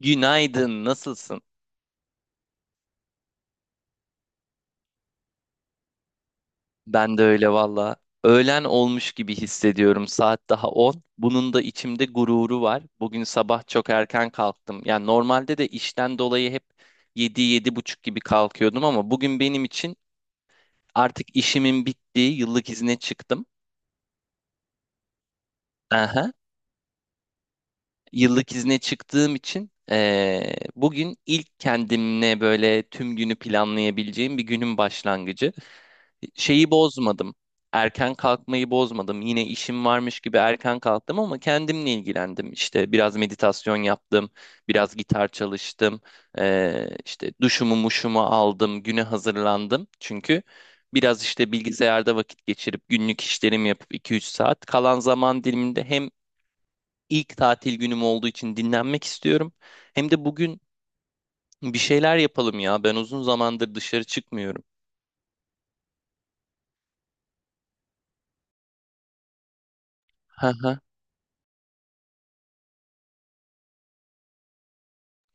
Günaydın, nasılsın? Ben de öyle valla. Öğlen olmuş gibi hissediyorum. Saat daha 10. Bunun da içimde gururu var. Bugün sabah çok erken kalktım. Yani normalde de işten dolayı hep 7 buçuk gibi kalkıyordum ama bugün benim için artık işimin bittiği yıllık izne çıktım. Aha. Yıllık izne çıktığım için bugün ilk kendimle böyle tüm günü planlayabileceğim bir günün başlangıcı. Şeyi bozmadım. Erken kalkmayı bozmadım. Yine işim varmış gibi erken kalktım ama kendimle ilgilendim. İşte biraz meditasyon yaptım, biraz gitar çalıştım, işte duşumu muşumu aldım, güne hazırlandım. Çünkü biraz işte bilgisayarda vakit geçirip günlük işlerimi yapıp iki üç saat kalan zaman diliminde hem İlk tatil günüm olduğu için dinlenmek istiyorum. Hem de bugün bir şeyler yapalım ya. Ben uzun zamandır dışarı çıkmıyorum. Hı hı.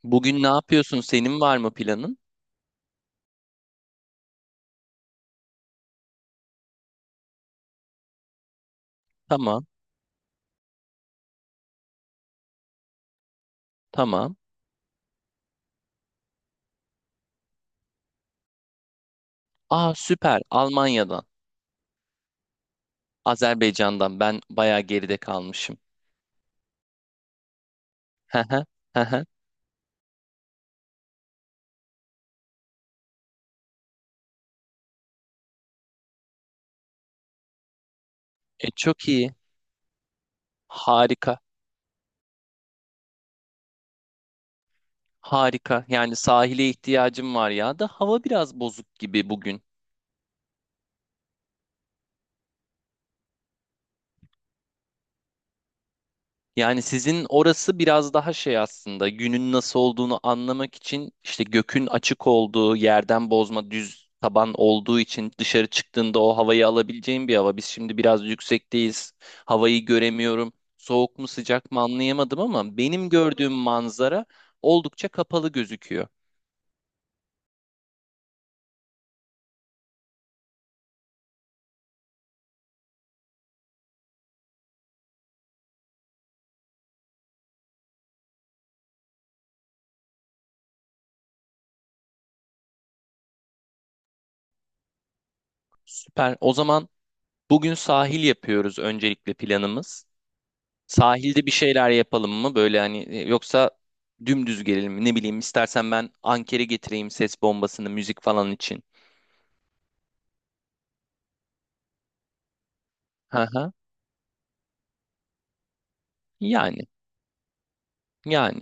Bugün ne yapıyorsun? Senin var mı planın? Tamam, tamam. Aa, süper. Almanya'dan, Azerbaycan'dan. Ben bayağı geride kalmışım. Hı hı, hı hı. E, çok iyi. Harika, harika. Yani sahile ihtiyacım var ya da hava biraz bozuk gibi bugün. Yani sizin orası biraz daha şey, aslında günün nasıl olduğunu anlamak için işte gökün açık olduğu yerden bozma düz taban olduğu için dışarı çıktığında o havayı alabileceğin bir hava. Biz şimdi biraz yüksekteyiz. Havayı göremiyorum. Soğuk mu sıcak mı anlayamadım ama benim gördüğüm manzara oldukça kapalı gözüküyor. Süper. O zaman bugün sahil yapıyoruz, öncelikle planımız. Sahilde bir şeyler yapalım mı? Böyle hani, yoksa dümdüz gelelim mi? Ne bileyim, istersen ben ankere getireyim ses bombasını müzik falan için. Hı hı. Yani yani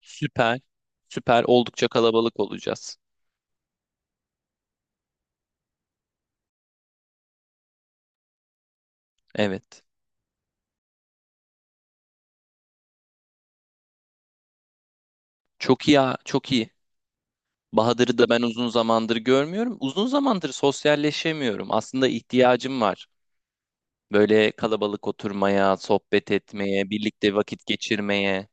süper süper oldukça kalabalık olacağız. Evet. Çok iyi ya, çok iyi. Bahadır'ı da ben uzun zamandır görmüyorum. Uzun zamandır sosyalleşemiyorum. Aslında ihtiyacım var. Böyle kalabalık oturmaya, sohbet etmeye, birlikte vakit geçirmeye.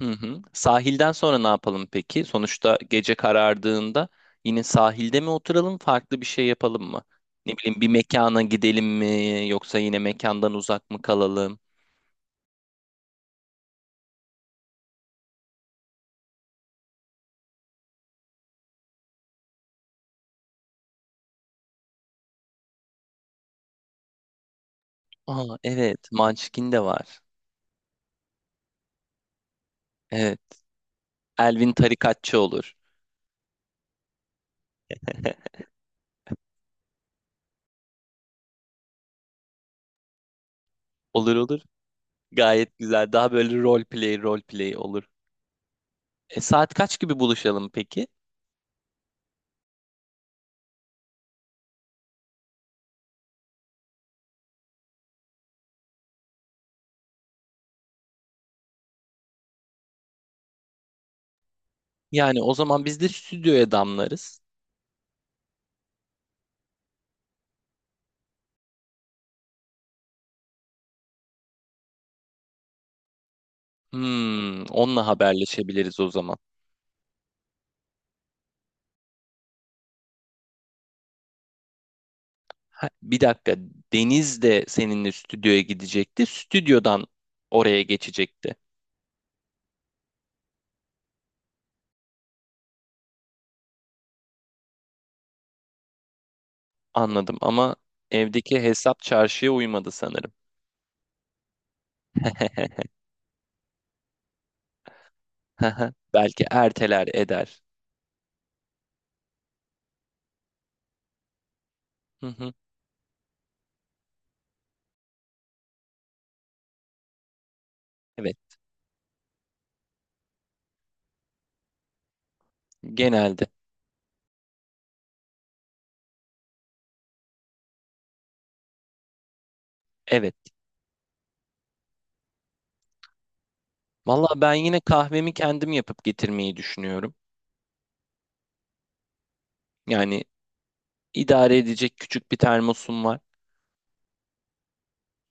Hı hı. Sahilden sonra ne yapalım peki? Sonuçta gece karardığında yine sahilde mi oturalım, farklı bir şey yapalım mı? Ne bileyim, bir mekana gidelim mi yoksa yine mekandan uzak mı kalalım? Aa, evet, Munchkin de var. Evet, Elvin tarikatçı olur. Olur olur. Gayet güzel. Daha böyle rol play rol play olur. Saat kaç gibi buluşalım peki? Yani o zaman biz de stüdyoya damlarız. Onunla haberleşebiliriz o zaman. Ha, bir dakika. Deniz de seninle stüdyoya gidecekti. Stüdyodan oraya geçecekti. Anladım ama evdeki hesap çarşıya uymadı sanırım. Haha, belki erteler eder. Hı hı. Evet, genelde. Evet. Vallahi ben yine kahvemi kendim yapıp getirmeyi düşünüyorum. Yani idare edecek küçük bir termosum var.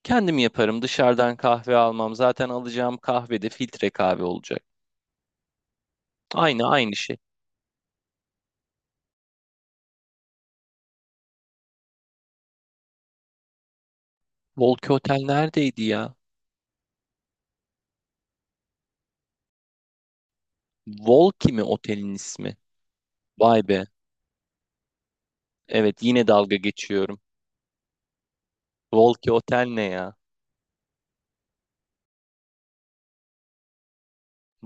Kendim yaparım. Dışarıdan kahve almam. Zaten alacağım kahve de filtre kahve olacak. Aynı aynı şey. Volki Otel neredeydi ya? Volki mi otelin ismi? Vay be. Evet, yine dalga geçiyorum. Volki Otel ne ya?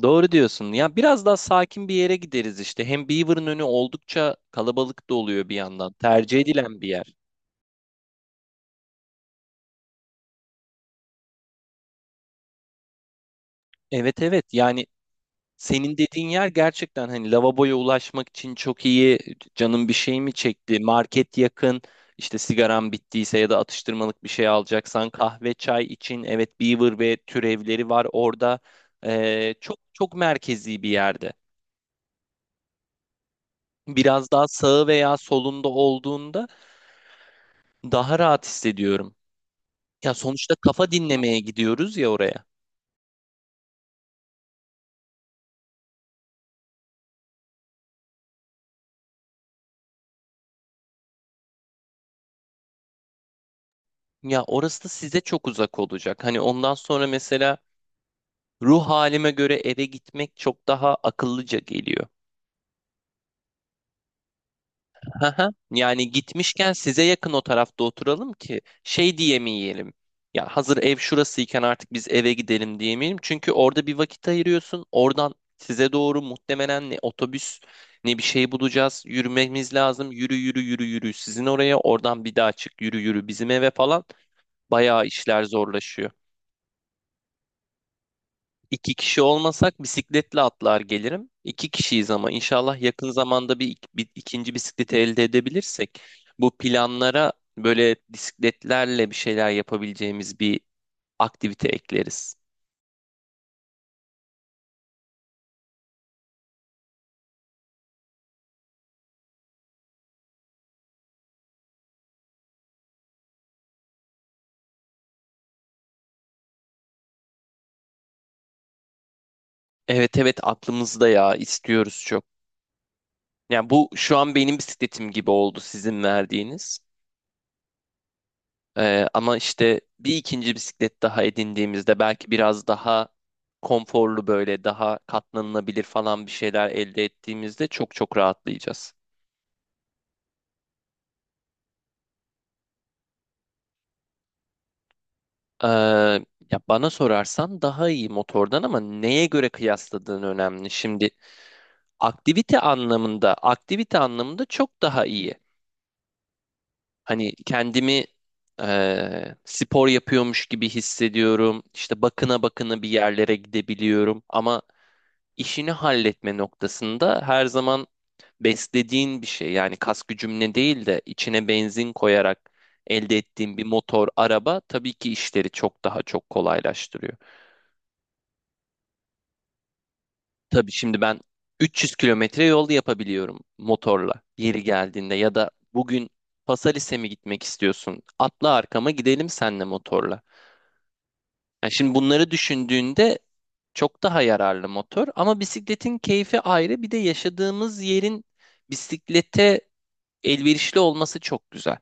Doğru diyorsun. Ya biraz daha sakin bir yere gideriz işte. Hem Beaver'ın önü oldukça kalabalık da oluyor bir yandan. Tercih edilen bir yer. Evet, evet. Yani senin dediğin yer gerçekten hani lavaboya ulaşmak için çok iyi, canım bir şey mi çekti, market yakın, işte sigaram bittiyse ya da atıştırmalık bir şey alacaksan kahve, çay için, evet, Beaver ve türevleri var orada. Çok çok merkezi bir yerde. Biraz daha sağı veya solunda olduğunda daha rahat hissediyorum. Ya sonuçta kafa dinlemeye gidiyoruz ya oraya. Ya orası da size çok uzak olacak. Hani ondan sonra mesela ruh halime göre eve gitmek çok daha akıllıca geliyor. Haha. Yani gitmişken size yakın o tarafta oturalım ki şey diyemeyelim. Ya hazır ev şurasıyken artık biz eve gidelim diyemeyelim. Çünkü orada bir vakit ayırıyorsun. Oradan size doğru muhtemelen ne otobüs ne bir şey bulacağız. Yürümemiz lazım. Yürü yürü yürü yürü. Sizin oraya, oradan bir daha çık yürü yürü bizim eve falan. Bayağı işler zorlaşıyor. İki kişi olmasak bisikletle atlar gelirim. İki kişiyiz ama inşallah yakın zamanda bir ikinci bisikleti elde edebilirsek bu planlara böyle bisikletlerle bir şeyler yapabileceğimiz bir aktivite ekleriz. Evet, evet, aklımızda ya, istiyoruz çok. Yani bu şu an benim bisikletim gibi oldu sizin verdiğiniz. Ama işte bir ikinci bisiklet daha edindiğimizde belki biraz daha konforlu, böyle daha katlanılabilir falan bir şeyler elde ettiğimizde çok çok rahatlayacağız. Ee, ya bana sorarsan daha iyi motordan ama neye göre kıyasladığın önemli. Şimdi aktivite anlamında, aktivite anlamında çok daha iyi. Hani kendimi spor yapıyormuş gibi hissediyorum. İşte bakına bakına bir yerlere gidebiliyorum. Ama işini halletme noktasında her zaman beslediğin bir şey. Yani kas gücümle değil de içine benzin koyarak elde ettiğin bir motor, araba tabii ki işleri çok daha çok kolaylaştırıyor. Tabii şimdi ben 300 kilometre yol yapabiliyorum motorla yeri geldiğinde, ya da bugün Pasaris'e mi gitmek istiyorsun? Atla arkama, gidelim senle motorla. Yani şimdi bunları düşündüğünde çok daha yararlı motor ama bisikletin keyfi ayrı, bir de yaşadığımız yerin bisiklete elverişli olması çok güzel.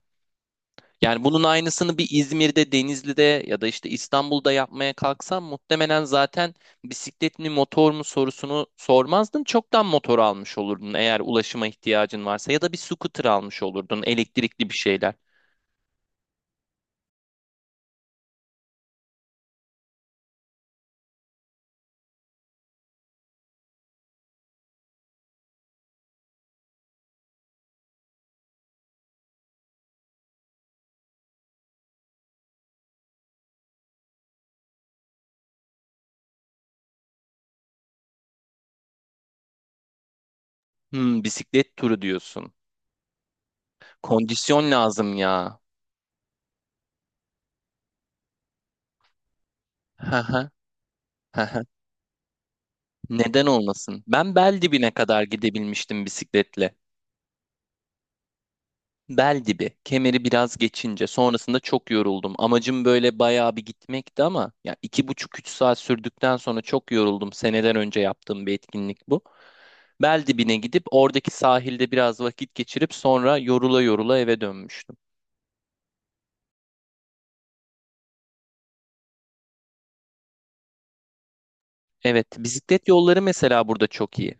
Yani bunun aynısını bir İzmir'de, Denizli'de ya da işte İstanbul'da yapmaya kalksam muhtemelen zaten bisiklet mi motor mu sorusunu sormazdın. Çoktan motor almış olurdun eğer ulaşıma ihtiyacın varsa, ya da bir scooter almış olurdun, elektrikli bir şeyler. Bisiklet turu diyorsun. Kondisyon lazım ya. Hı hı, hı hı. Neden olmasın? Ben bel dibine kadar gidebilmiştim bisikletle. Bel dibi. Kemeri biraz geçince. Sonrasında çok yoruldum. Amacım böyle bayağı bir gitmekti ama ya iki buçuk üç saat sürdükten sonra çok yoruldum. Seneden önce yaptığım bir etkinlik bu. Bel dibine gidip oradaki sahilde biraz vakit geçirip sonra yorula yorula eve dönmüştüm. Evet, bisiklet yolları mesela burada çok iyi.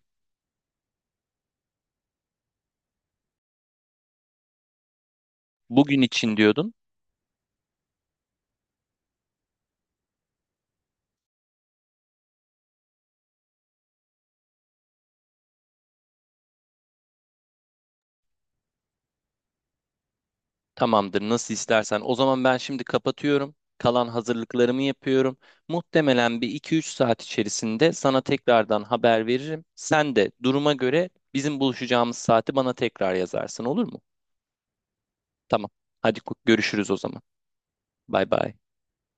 Bugün için diyordun. Tamamdır, nasıl istersen. O zaman ben şimdi kapatıyorum. Kalan hazırlıklarımı yapıyorum. Muhtemelen bir iki üç saat içerisinde sana tekrardan haber veririm. Sen de duruma göre bizim buluşacağımız saati bana tekrar yazarsın, olur mu? Tamam. Hadi görüşürüz o zaman. Bay bay.